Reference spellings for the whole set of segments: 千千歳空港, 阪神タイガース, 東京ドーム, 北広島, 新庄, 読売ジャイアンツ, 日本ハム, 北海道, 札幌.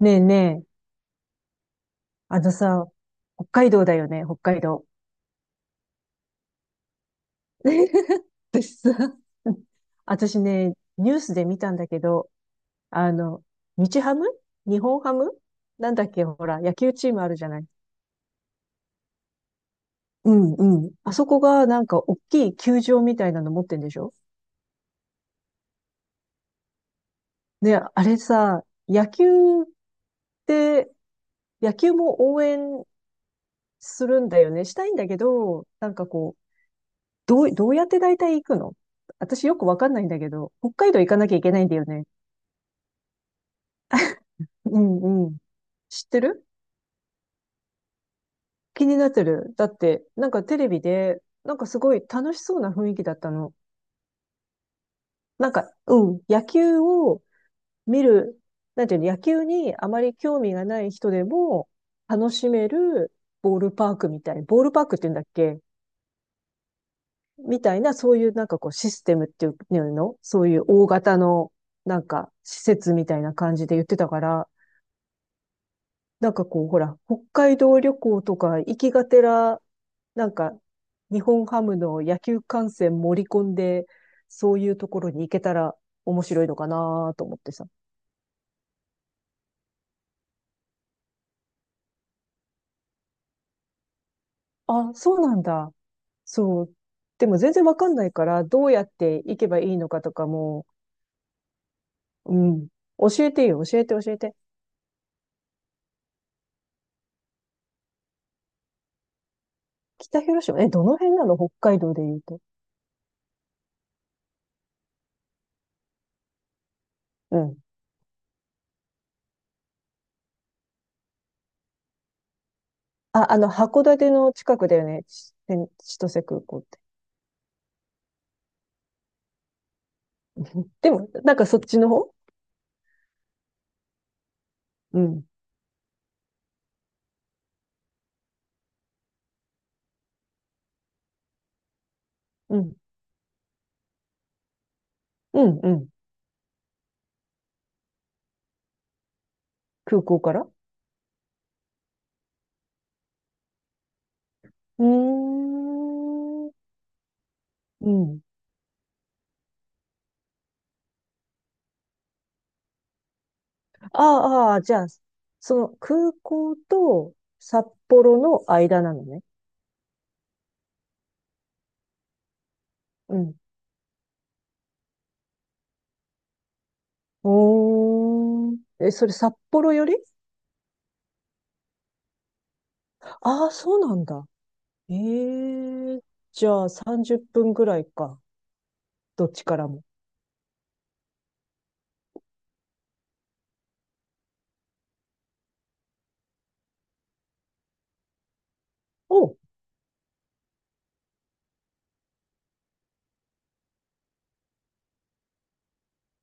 ねえねえ、あのさ、北海道だよね、北海道。私さ、私ね、ニュースで見たんだけど、あの、日ハム日本ハムなんだっけ、ほら、野球チームあるじゃない。うんうん。あそこがなんか大きい球場みたいなの持ってんでしょ。あれさ、野球って、野球も応援するんだよね。したいんだけど、なんかこう、どうやって大体行くの？私よくわかんないんだけど、北海道行かなきゃいけないんだよね。うんうん。知ってる？気になってる。だって、なんかテレビで、なんかすごい楽しそうな雰囲気だったの。野球を見る、なんていうの、野球にあまり興味がない人でも楽しめるボールパークみたい、ボールパークって言うんだっけ？みたいな、そういうなんかこうシステムっていうの、そういう大型のなんか施設みたいな感じで言ってたから、なんかこう、ほら、北海道旅行とか行きがてら、なんか、日本ハムの野球観戦盛り込んで、そういうところに行けたら面白いのかなと思ってさ。あ、そうなんだ。そう。でも全然わかんないから、どうやって行けばいいのかとかも、うん。教えてよ、教えて、教えて。北広島、え、どの辺なの北海道で言うと。うん。あ、あの、函館の近くだよね。千歳空港って。でも、なんかそっちの方。うん。うん。うん、うん。空港から。うーん。うん。ああ、ああじゃあ、その空港と札幌の間なのね。うん。おーん。え、それ札幌より。ああー、そうなんだ。ええ、じゃあ30分ぐらいか。どっちからも。おう、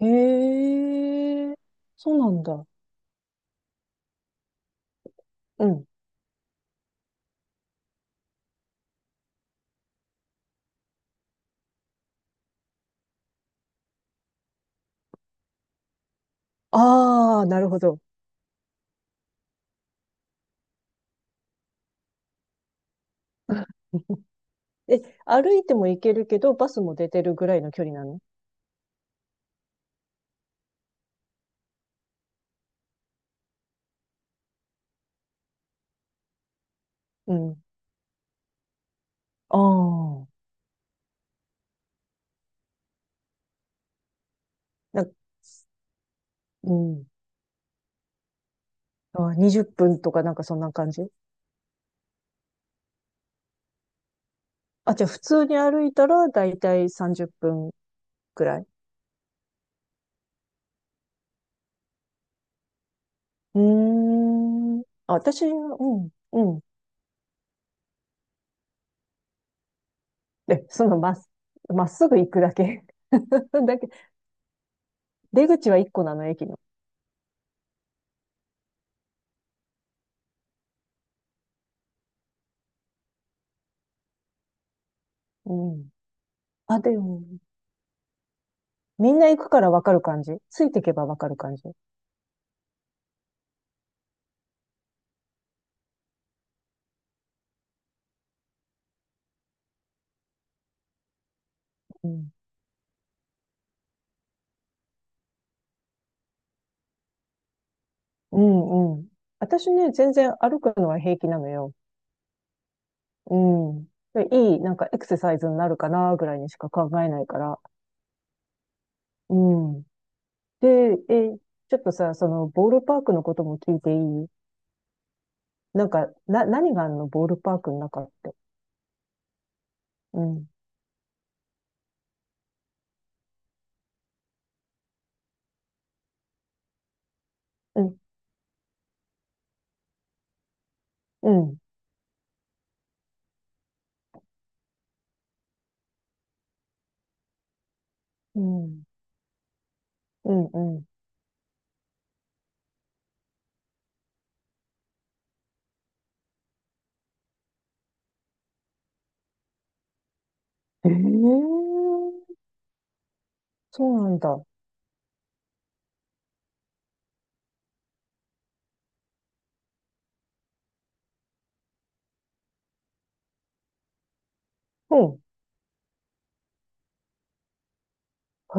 ええ、そうなんだ。うん。ああ、なるほど。え、歩いても行けるけど、バスも出てるぐらいの距離なの？うん。ああ、な、うん。あ、20分とかなんかそんな感じ？あ、じゃあ普通に歩いたらだいたい30分くらい。うーん。あ、私、うん、うん。え、そのまっす、まっすぐ行くだけ。だけ、出口は1個なの、駅の？うん。あ、でも、みんな行くからわかる感じ。ついていけばわかる感じ。うん。うん、うん。私ね、全然歩くのは平気なのよ。うん。で、いい、なんかエクササイズになるかな、ぐらいにしか考えないから。うん。で、え、ちょっとさ、その、ボールパークのことも聞いていい？何があんのボールパークの中って？うん。うん。うん。うん。うん。うん。ええ、そうなんだ。うん。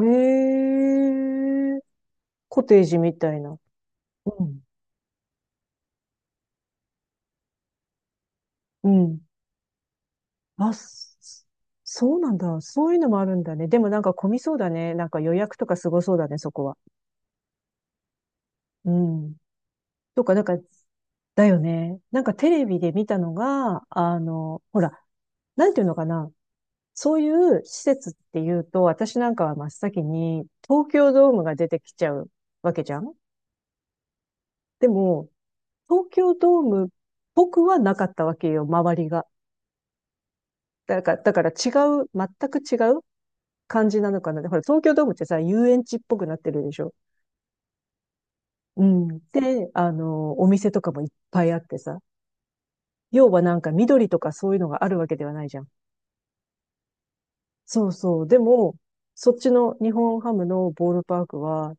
へえ。コテージみたいな。うん。うん。あ、そうなんだ。そういうのもあるんだね。でもなんか混みそうだね。なんか予約とかすごそうだね、そこは。うん。とか、なんかだよね。なんかテレビで見たのが、あの、ほら、なんていうのかな。そういう施設っていうと、私なんかは真っ先に東京ドームが出てきちゃうわけじゃん。でも、東京ドーム、僕はなかったわけよ、周りが。だから違う、全く違う感じなのかな。ほら、東京ドームってさ、遊園地っぽくなってるでしょ。うん。で、あの、お店とかもいっぱいあってさ。要はなんか緑とかそういうのがあるわけではないじゃん。そうそう。でも、そっちの日本ハムのボールパークは、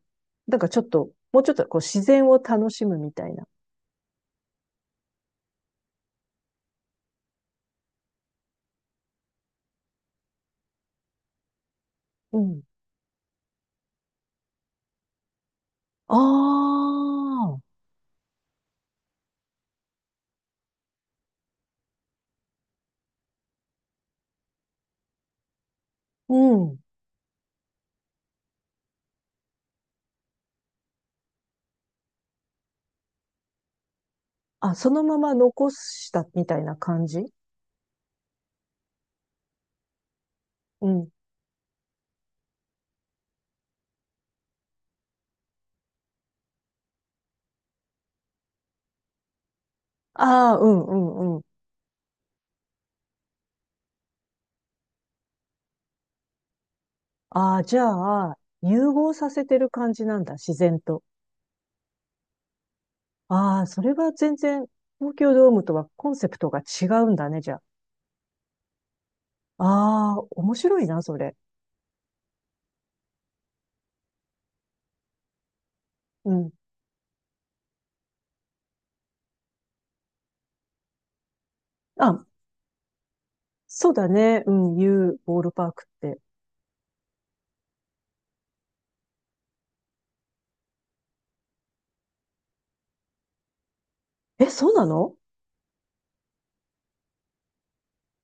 なんかちょっと、もうちょっとこう自然を楽しむみたいな。うん。ああ、うん。あ、そのまま残したみたいな感じ？うん。ああ、うんうんうん。ああ、じゃあ、融合させてる感じなんだ、自然と。ああ、それは全然、東京ドームとはコンセプトが違うんだね、じゃあ。ああ、面白いな、それ。うん。あ、そうだね。うん、U ボールパークって。え、そうなの？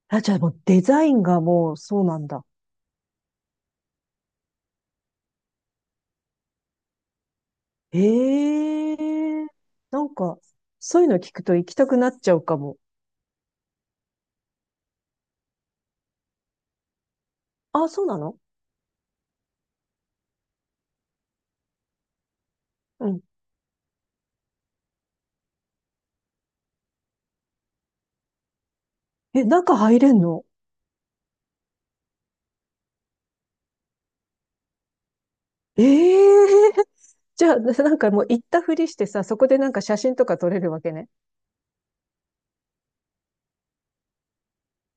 あ、じゃあもうデザインがもうそうなんだ。ええ、なんか、そういうの聞くと行きたくなっちゃうかも。あ、そうなの？うん。え、中入れんの？ええ じゃあ、なんかもう行ったふりしてさ、そこでなんか写真とか撮れるわけね。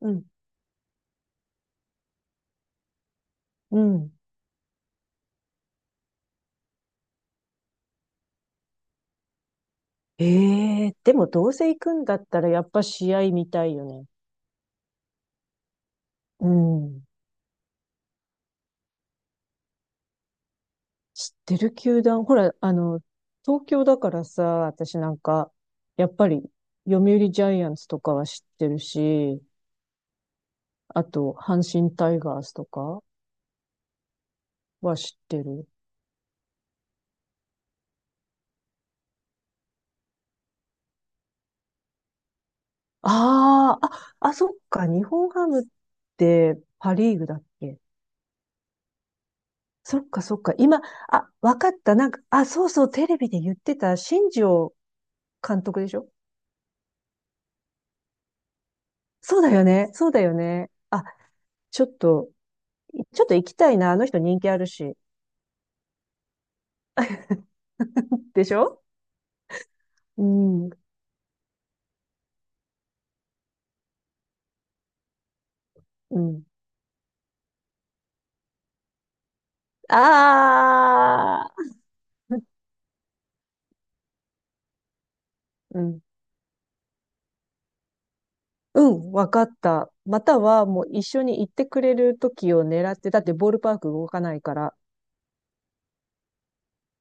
うん。うん。ええ、でもどうせ行くんだったらやっぱ試合見たいよね。うん。知ってる球団、ほら、あの、東京だからさ、私なんか、やっぱり、読売ジャイアンツとかは知ってるし、あと、阪神タイガースとかは知ってる。ああ、あ、あ、そっか、日本ハムってパリーグだっけ？そっか、そっか、今、あ、わかった、なんか、あ、そうそう、テレビで言ってた、新庄監督でしょ？そうだよね、そうだよね。あ、ちょっと、ちょっと行きたいな、あの人人気あるし。でしょ？うん。うん。ああ、うん。うん、わかった。または、もう一緒に行ってくれる時を狙って、だってボールパーク動かないから。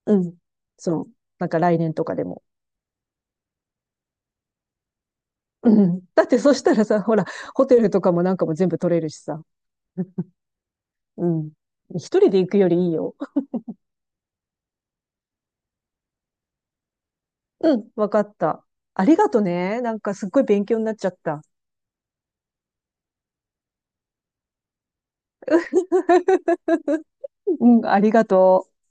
うん。そう。なんか来年とかでも。うん。だってそしたらさ、ほら、ホテルとかもなんかも全部取れるしさ。うん。一人で行くよりいいよ。うん、わかった。ありがとね。なんかすっごい勉強になっちゃった。うん、ありがとう。